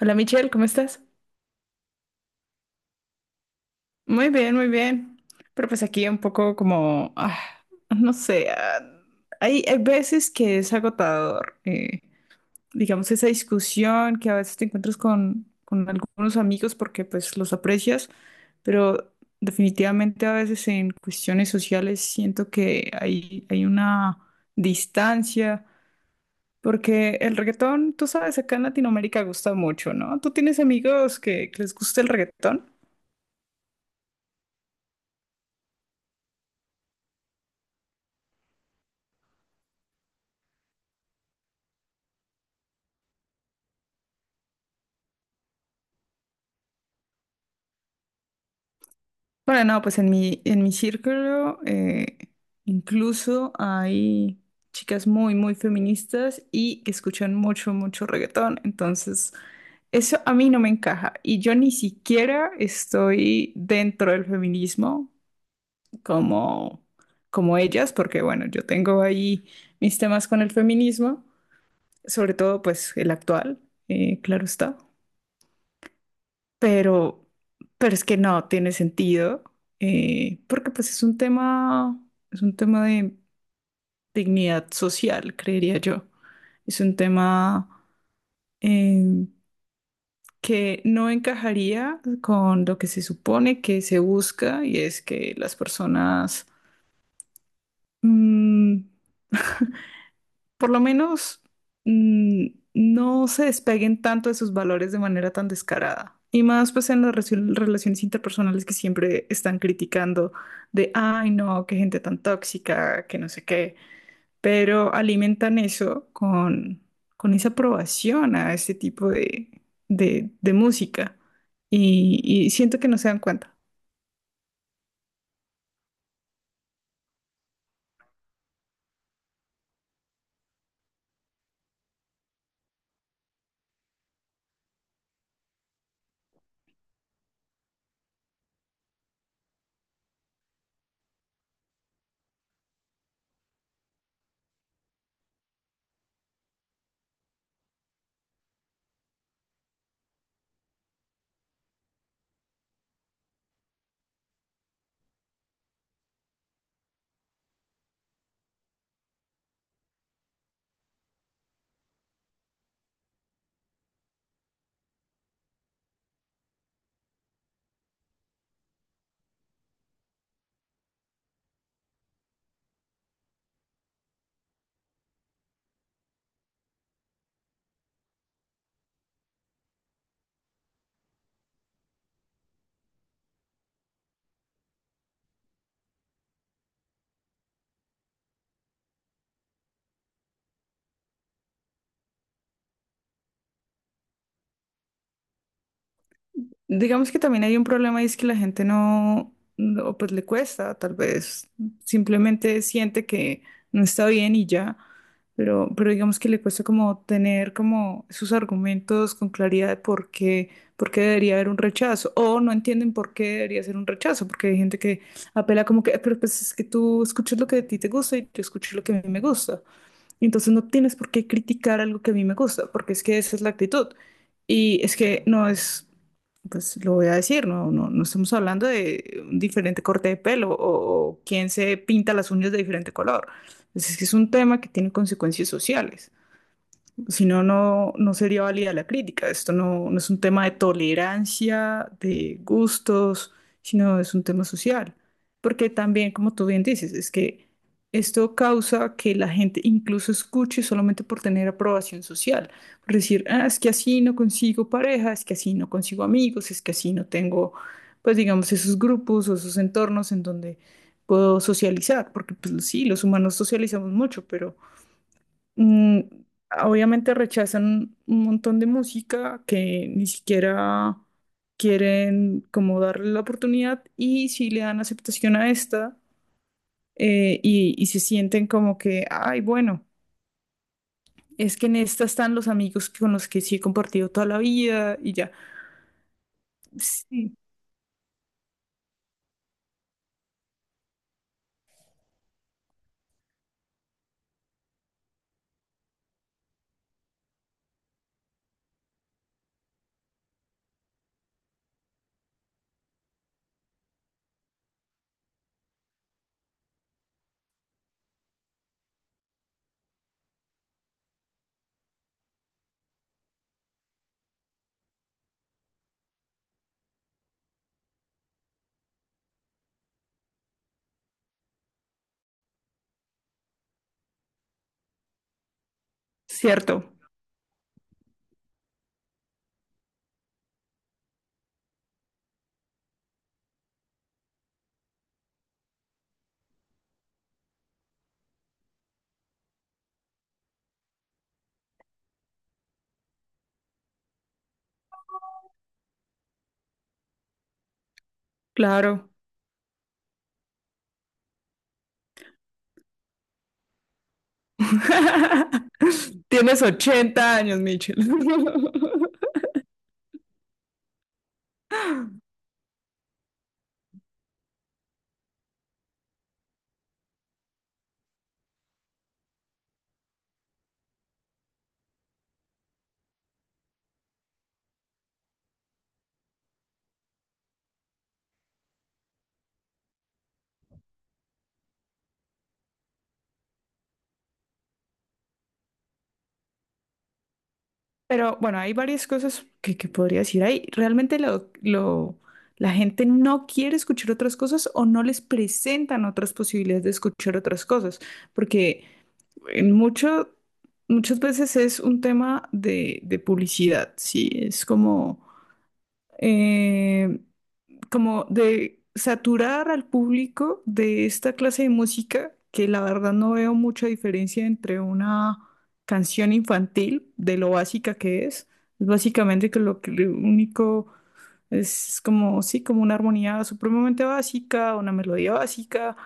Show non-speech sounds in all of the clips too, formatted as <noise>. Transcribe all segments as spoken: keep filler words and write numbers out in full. Hola Michelle, ¿cómo estás? Muy bien, muy bien. Pero pues aquí un poco como, ah, no sé, ah, hay, hay veces que es agotador, eh, digamos, esa discusión que a veces te encuentras con, con algunos amigos porque pues los aprecias, pero definitivamente a veces en cuestiones sociales siento que hay, hay una distancia, porque el reggaetón, tú sabes, acá en Latinoamérica gusta mucho, ¿no? ¿Tú tienes amigos que que les gusta el reggaetón? Bueno, no, pues en mi, en mi círculo eh, incluso hay chicas muy, muy feministas y que escuchan mucho, mucho reggaetón. Entonces, eso a mí no me encaja. Y yo ni siquiera estoy dentro del feminismo como, como ellas, porque bueno, yo tengo ahí mis temas con el feminismo, sobre todo pues el actual, eh, claro está, pero, pero es que no tiene sentido, eh, porque pues es un tema, es un tema de dignidad social, creería yo. Es un tema eh, que no encajaría con lo que se supone que se busca y es que las personas mm, por lo menos, mm, no se despeguen tanto de sus valores de manera tan descarada. Y más pues en las reci- relaciones interpersonales que siempre están criticando de, ay no, qué gente tan tóxica, que no sé qué. Pero alimentan eso con, con esa aprobación a este tipo de, de, de música. Y, y siento que no se dan cuenta. Digamos que también hay un problema y es que la gente no, no, pues le cuesta, tal vez simplemente siente que no está bien y ya, pero, pero digamos que le cuesta como tener como sus argumentos con claridad de por qué, por qué debería haber un rechazo o no entienden por qué debería ser un rechazo, porque hay gente que apela como que, "Ah, pero pues es que tú escuchas lo que a ti te gusta y yo escucho lo que a mí me gusta. Entonces no tienes por qué criticar algo que a mí me gusta, porque es que esa es la actitud. Y es que no es, pues lo voy a decir, no, no, no estamos hablando de un diferente corte de pelo o, o quién se pinta las uñas de diferente color. Pues, es que es un tema que tiene consecuencias sociales. Si no, no, no sería válida la crítica. Esto no, no es un tema de tolerancia, de gustos, sino es un tema social. Porque también, como tú bien dices, es que esto causa que la gente incluso escuche solamente por tener aprobación social. Por decir, "Ah, es que así no consigo pareja, es que así no consigo amigos, es que así no tengo, pues digamos, esos grupos o esos entornos en donde puedo socializar. Porque pues sí, los humanos socializamos mucho, pero... Mm, obviamente rechazan un montón de música que ni siquiera quieren como darle la oportunidad y si le dan aceptación a esta eh, y, y se sienten como que, ay, bueno, es que en esta están los amigos con los que sí he compartido toda la vida y ya. Sí, cierto, claro. <laughs> Tienes ochenta años, Mitchell. <laughs> Pero bueno, hay varias cosas que, que podría decir ahí. Realmente lo, lo- la gente no quiere escuchar otras cosas o no les presentan otras posibilidades de escuchar otras cosas, porque en mucho, muchas veces es un tema de, de publicidad, ¿sí? Es como, eh, como de saturar al público de esta clase de música, que la verdad no veo mucha diferencia entre una canción infantil, de lo básica que es, es básicamente que lo que lo único es como, sí, como una armonía supremamente básica, una melodía básica.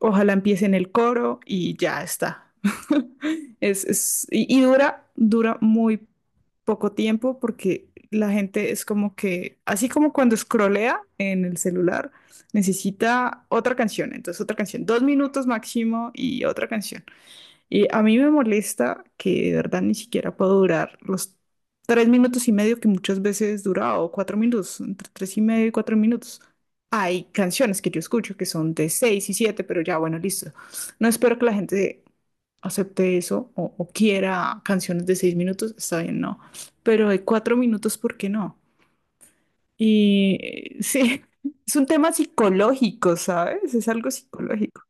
Ojalá empiece en el coro y ya está. <laughs> Es, es- y, y dura, dura muy poco tiempo porque la gente es como que, así como cuando scrollea en el celular, necesita otra canción, entonces otra canción, dos minutos máximo y otra canción. Y a mí me molesta que de verdad ni siquiera puedo durar los tres minutos y medio que muchas veces dura, o cuatro minutos, entre tres y medio y cuatro minutos. Hay canciones que yo escucho que son de seis y siete, pero ya bueno, listo. No espero que la gente acepte eso o, o quiera canciones de seis minutos, está bien, no. Pero de cuatro minutos, ¿por qué no? Y eh, sí, <laughs> es un tema psicológico, ¿sabes? Es algo psicológico.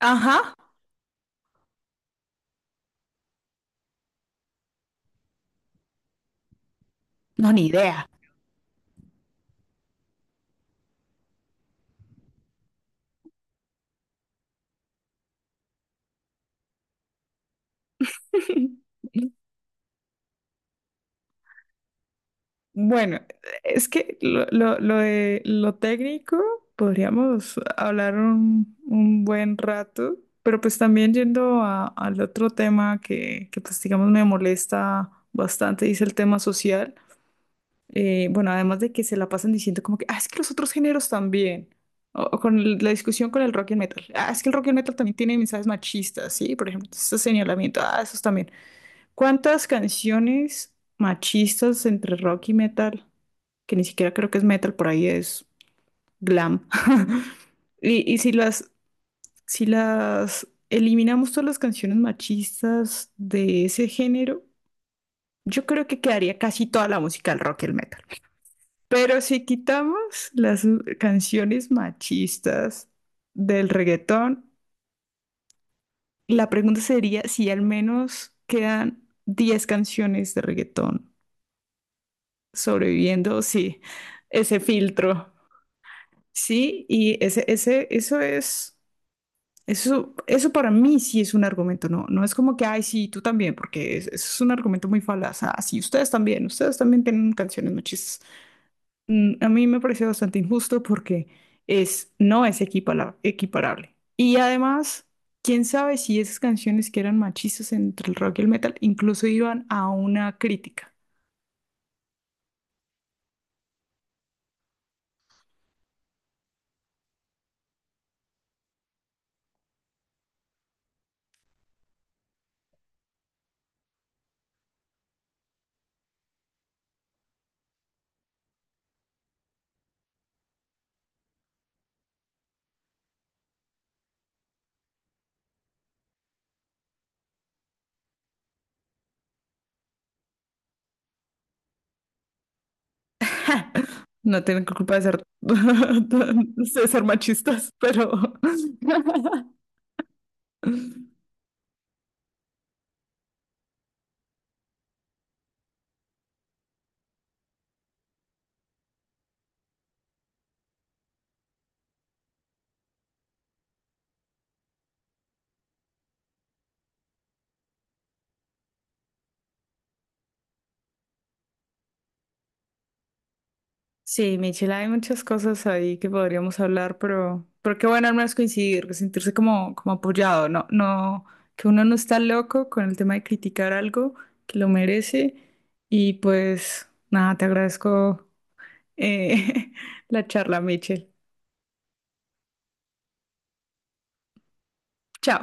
Ajá, no, ni idea. <laughs> Bueno, es que lo, lo, lo de lo técnico podríamos hablar un, un buen rato, pero pues también yendo a- al otro tema que, que pues digamos me molesta bastante, y es el tema social. Eh, bueno, además de que se la pasan diciendo como que, ah, es que los otros géneros también, o, o con el- la discusión con el rock y el metal, ah, es que el rock y el metal también tiene mensajes machistas, ¿sí? Por ejemplo, ese señalamiento, ah, esos también. ¿Cuántas canciones machistas entre rock y metal, que ni siquiera creo que es metal, por ahí es glam? <laughs> Y, y si las, si las eliminamos todas las canciones machistas de ese género, yo creo que quedaría casi toda la música del rock y el metal. Pero si quitamos las eh, canciones machistas del reggaetón, la pregunta sería si al menos quedan diez canciones de reggaetón sobreviviendo, sí, ese filtro, sí, y ese, ese, eso es, eso, eso para mí sí es un argumento, no, no es como que, ay, sí, tú también, porque es- eso es un argumento muy falaz, ah, sí, ustedes también, ustedes también tienen canciones machistas. Mm, a mí me pareció bastante injusto porque es, no es equipala- equiparable. Y además, quién sabe si esas canciones que eran machistas entre el rock y el metal incluso iban a una crítica. <laughs> No tienen culpa de ser, <laughs> de ser machistas, pero <laughs> sí, Michelle, hay muchas cosas ahí que podríamos hablar, pero, pero qué bueno al menos coincidir, sentirse como, como apoyado, no, no, que uno no está loco con el tema de criticar algo que lo merece. Y pues nada, te agradezco eh, <laughs> la charla, Michelle. Chao.